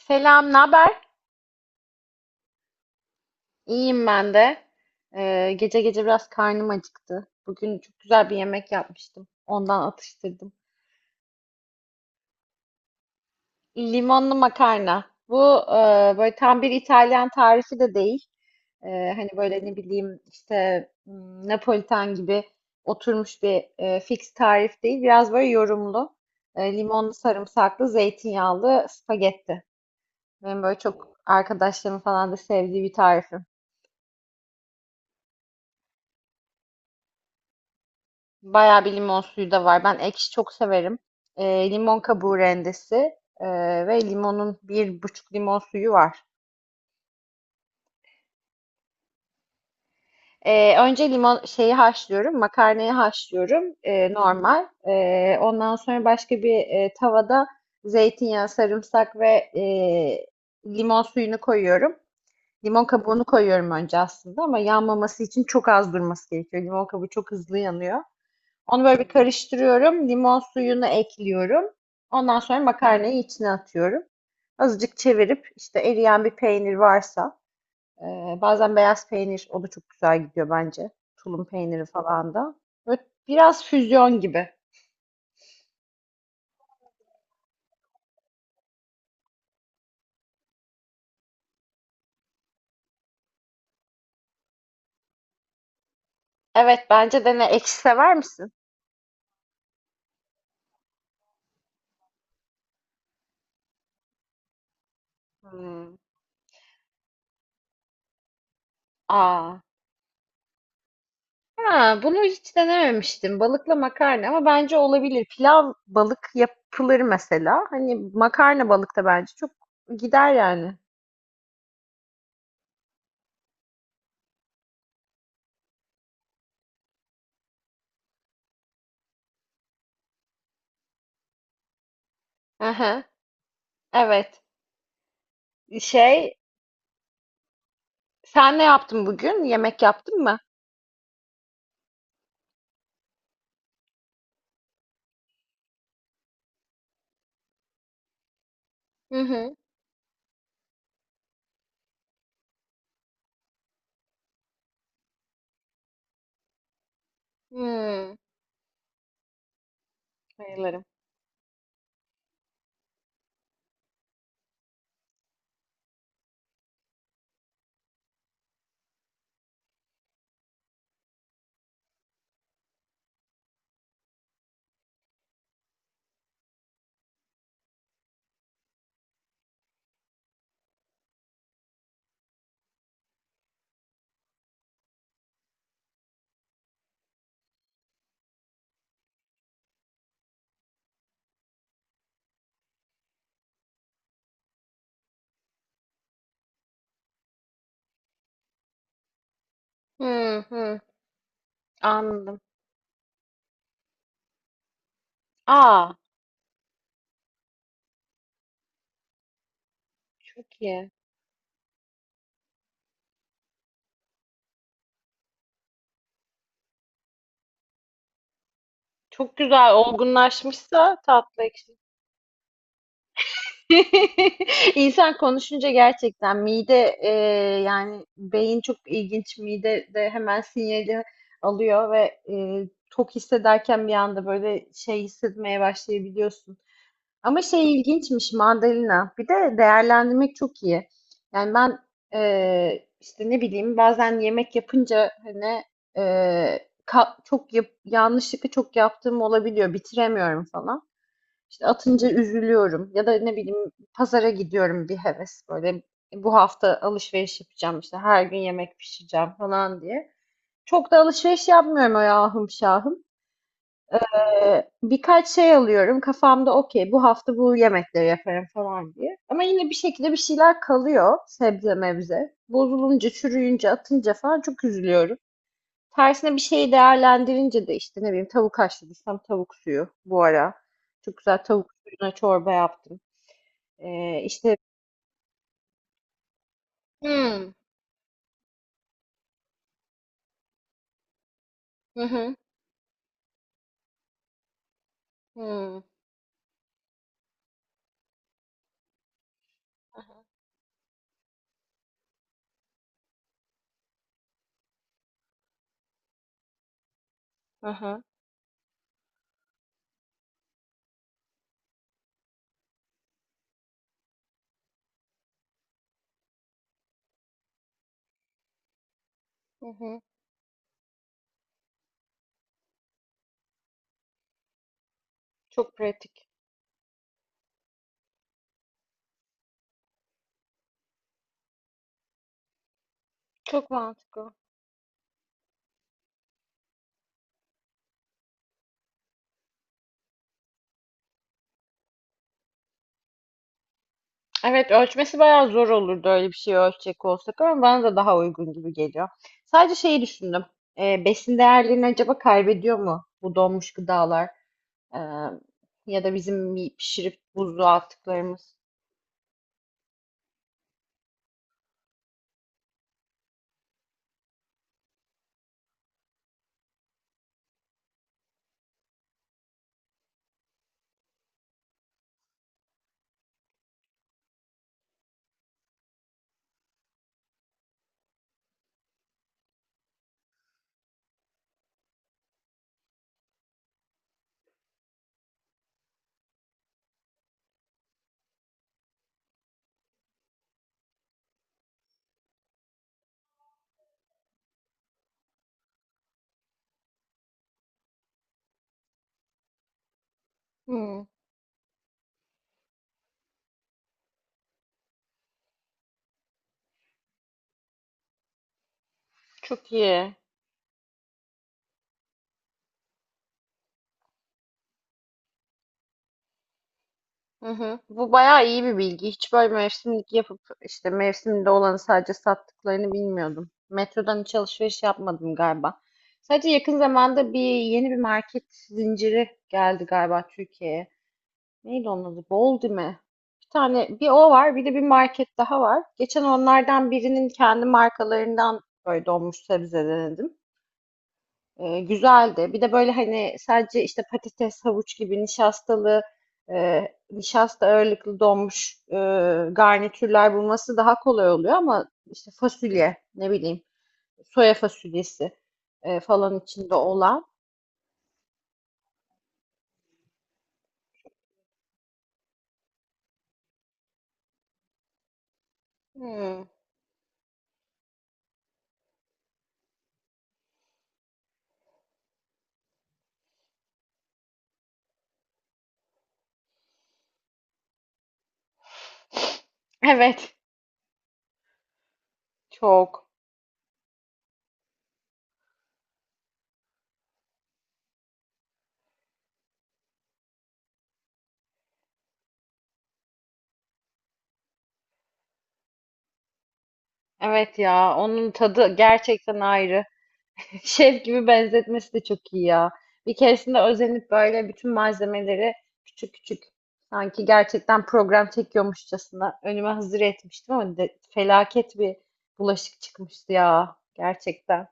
Selam, ne haber? İyiyim ben de. Gece gece biraz karnım acıktı. Bugün çok güzel bir yemek yapmıştım. Ondan atıştırdım. Limonlu makarna. Böyle tam bir İtalyan tarifi de değil. Ee, Hani böyle ne bileyim işte, Napolitan gibi oturmuş bir fix tarif değil. Biraz böyle yorumlu. Limonlu, sarımsaklı, zeytinyağlı spagetti. Benim böyle çok arkadaşlarım falan da sevdiği bir tarifim. Bayağı bir limon suyu da var. Ben ekşi çok severim. Limon kabuğu rendesi ve limonun bir buçuk limon suyu var. Önce limon şeyi haşlıyorum, makarnayı haşlıyorum normal. Ondan sonra başka bir tavada zeytinyağı, sarımsak ve limon suyunu koyuyorum. Limon kabuğunu koyuyorum önce aslında ama yanmaması için çok az durması gerekiyor. Limon kabuğu çok hızlı yanıyor. Onu böyle bir karıştırıyorum. Limon suyunu ekliyorum. Ondan sonra makarnayı içine atıyorum. Azıcık çevirip işte eriyen bir peynir varsa e, bazen beyaz peynir o da çok güzel gidiyor bence. Tulum peyniri falan da. Böyle biraz füzyon gibi. Evet bence dene. Ekşi sever misin? Hmm. Aa. Ha, bunu hiç denememiştim. Balıkla makarna ama bence olabilir. Pilav balık yapılır mesela. Hani makarna balık da bence çok gider yani. Aha. Evet. Şey, sen ne yaptın bugün? Yemek yaptın mı? Hı hı. Hmm. Sayılırım. Hı hı. Anladım. Aa, çok iyi. Çok güzel. Olgunlaşmışsa tatlı ekşi. İnsan konuşunca gerçekten mide, yani beyin çok ilginç. Mide de hemen sinyali alıyor ve tok hissederken bir anda böyle şey hissetmeye başlayabiliyorsun. Ama şey ilginçmiş mandalina. Bir de değerlendirmek çok iyi. Yani ben işte ne bileyim bazen yemek yapınca hani yanlışlıkla çok yaptığım olabiliyor. Bitiremiyorum falan. İşte atınca üzülüyorum. Ya da ne bileyim pazara gidiyorum bir heves böyle "E, bu hafta alışveriş yapacağım işte her gün yemek pişireceğim falan diye. Çok da alışveriş yapmıyorum o ahım şahım. Birkaç şey alıyorum kafamda okey bu hafta bu yemekleri yaparım falan diye. Ama yine bir şekilde bir şeyler kalıyor sebze mevze. Bozulunca, çürüyünce, atınca falan çok üzülüyorum. Tersine bir şeyi değerlendirince de işte ne bileyim tavuk haşladıysam tavuk suyu bu ara. Çok güzel tavuk suyuna çorba yaptım. Ee, işte Hmm, hı hı, hı, aha, hı hı. Çok pratik. Çok mantıklı. Evet ölçmesi bayağı zor olurdu öyle bir şey ölçecek olsak ama bana da daha uygun gibi geliyor. Sadece şeyi düşündüm. E, besin değerlerini acaba kaybediyor mu bu donmuş gıdalar? E, Ya da bizim bir pişirip buzluğa attıklarımız. Hmm, çok iyi. Hı hı. Bu bayağı iyi bir bilgi. Hiç böyle mevsimlik yapıp işte mevsimde olanı sadece sattıklarını bilmiyordum. Metrodan hiç alışveriş yapmadım galiba. Sadece yakın zamanda bir yeni bir market zinciri geldi galiba Türkiye'ye. Neydi onun adı? Boldime. Bir tane bir o var, bir de bir market daha var. Geçen onlardan birinin kendi markalarından böyle donmuş sebze denedim. Güzeldi. Bir de böyle hani sadece işte patates, havuç gibi nişastalı, e, nişasta ağırlıklı donmuş garnitürler bulması daha kolay oluyor ama işte fasulye, ne bileyim, soya fasulyesi falan içinde olan. Hmm. Evet, çok. Evet ya onun tadı gerçekten ayrı. Şef gibi benzetmesi de çok iyi ya. Bir keresinde özenip böyle bütün malzemeleri küçük küçük sanki gerçekten program çekiyormuşçasına önüme hazır etmiştim ama felaket bir bulaşık çıkmıştı ya gerçekten.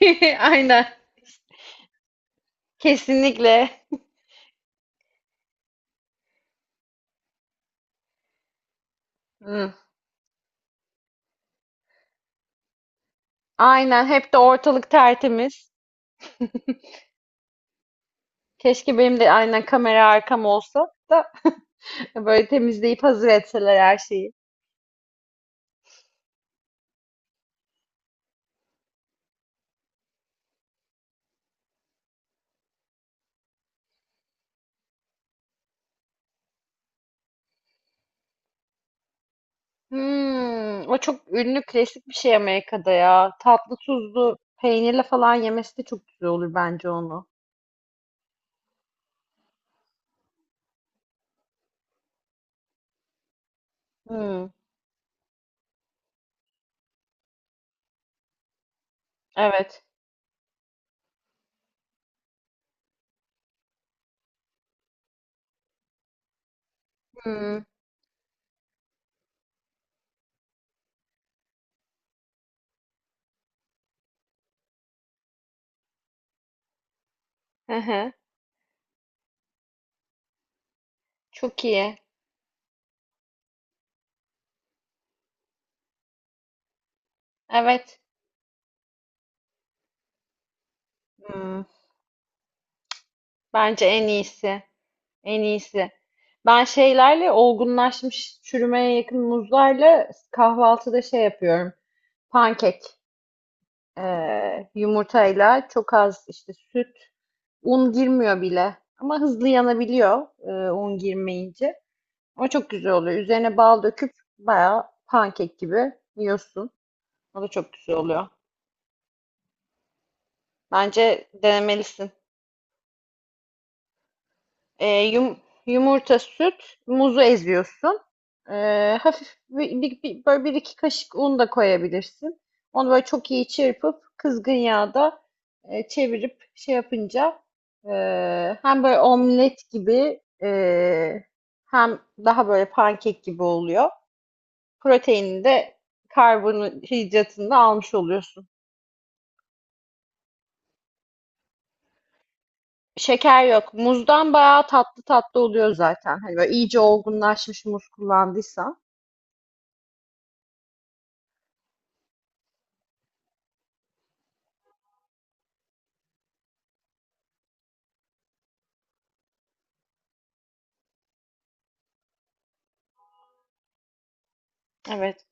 Aynen. Kesinlikle. Hı. Aynen hep de ortalık tertemiz. Keşke benim de aynen kamera arkam olsa da böyle temizleyip hazır etseler her şeyi. Hmm, o çok ünlü klasik bir şey Amerika'da ya. Tatlı tuzlu peynirle falan yemesi de çok güzel olur bence onu. Hmm, evet. Hmm, hı hı. Çok iyi. Evet. Hmm, bence en iyisi. En iyisi. Ben şeylerle olgunlaşmış çürümeye yakın muzlarla kahvaltıda şey yapıyorum. Pankek. Yumurtayla çok az işte süt. Un girmiyor bile. Ama hızlı yanabiliyor, un girmeyince. O çok güzel oluyor. Üzerine bal döküp bayağı pankek gibi yiyorsun. O da çok güzel oluyor. Bence denemelisin. Ee, yum- Yumurta, süt, muzu eziyorsun. Hafif böyle bir iki kaşık un da koyabilirsin. Onu böyle çok iyi çırpıp kızgın yağda çevirip şey yapınca e, hem böyle omlet gibi, hem daha böyle pankek gibi oluyor. Proteinini de karbonhidratını da almış oluyorsun. Şeker yok. Muzdan bayağı tatlı tatlı oluyor zaten. Hani böyle iyice olgunlaşmış muz kullandıysan. Evet.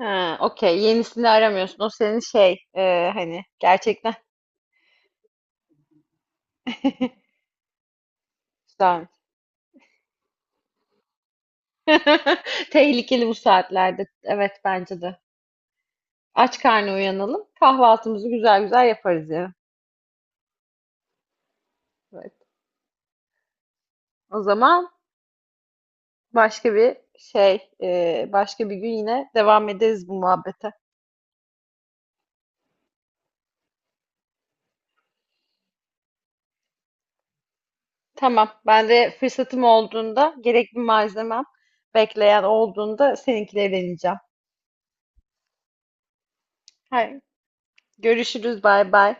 Ha, okey. Yenisini aramıyorsun. O senin şey, hani gerçekten güzel. Tehlikeli bu saatlerde. Evet bence de. Aç karnı uyanalım. Kahvaltımızı güzel güzel yaparız yani. Evet. O zaman başka bir şey, başka bir gün yine devam ederiz bu muhabbete. Tamam. Ben de fırsatım olduğunda, gerekli malzemem bekleyen olduğunda seninkileri deneyeceğim. Hayır. Görüşürüz. Bay bay.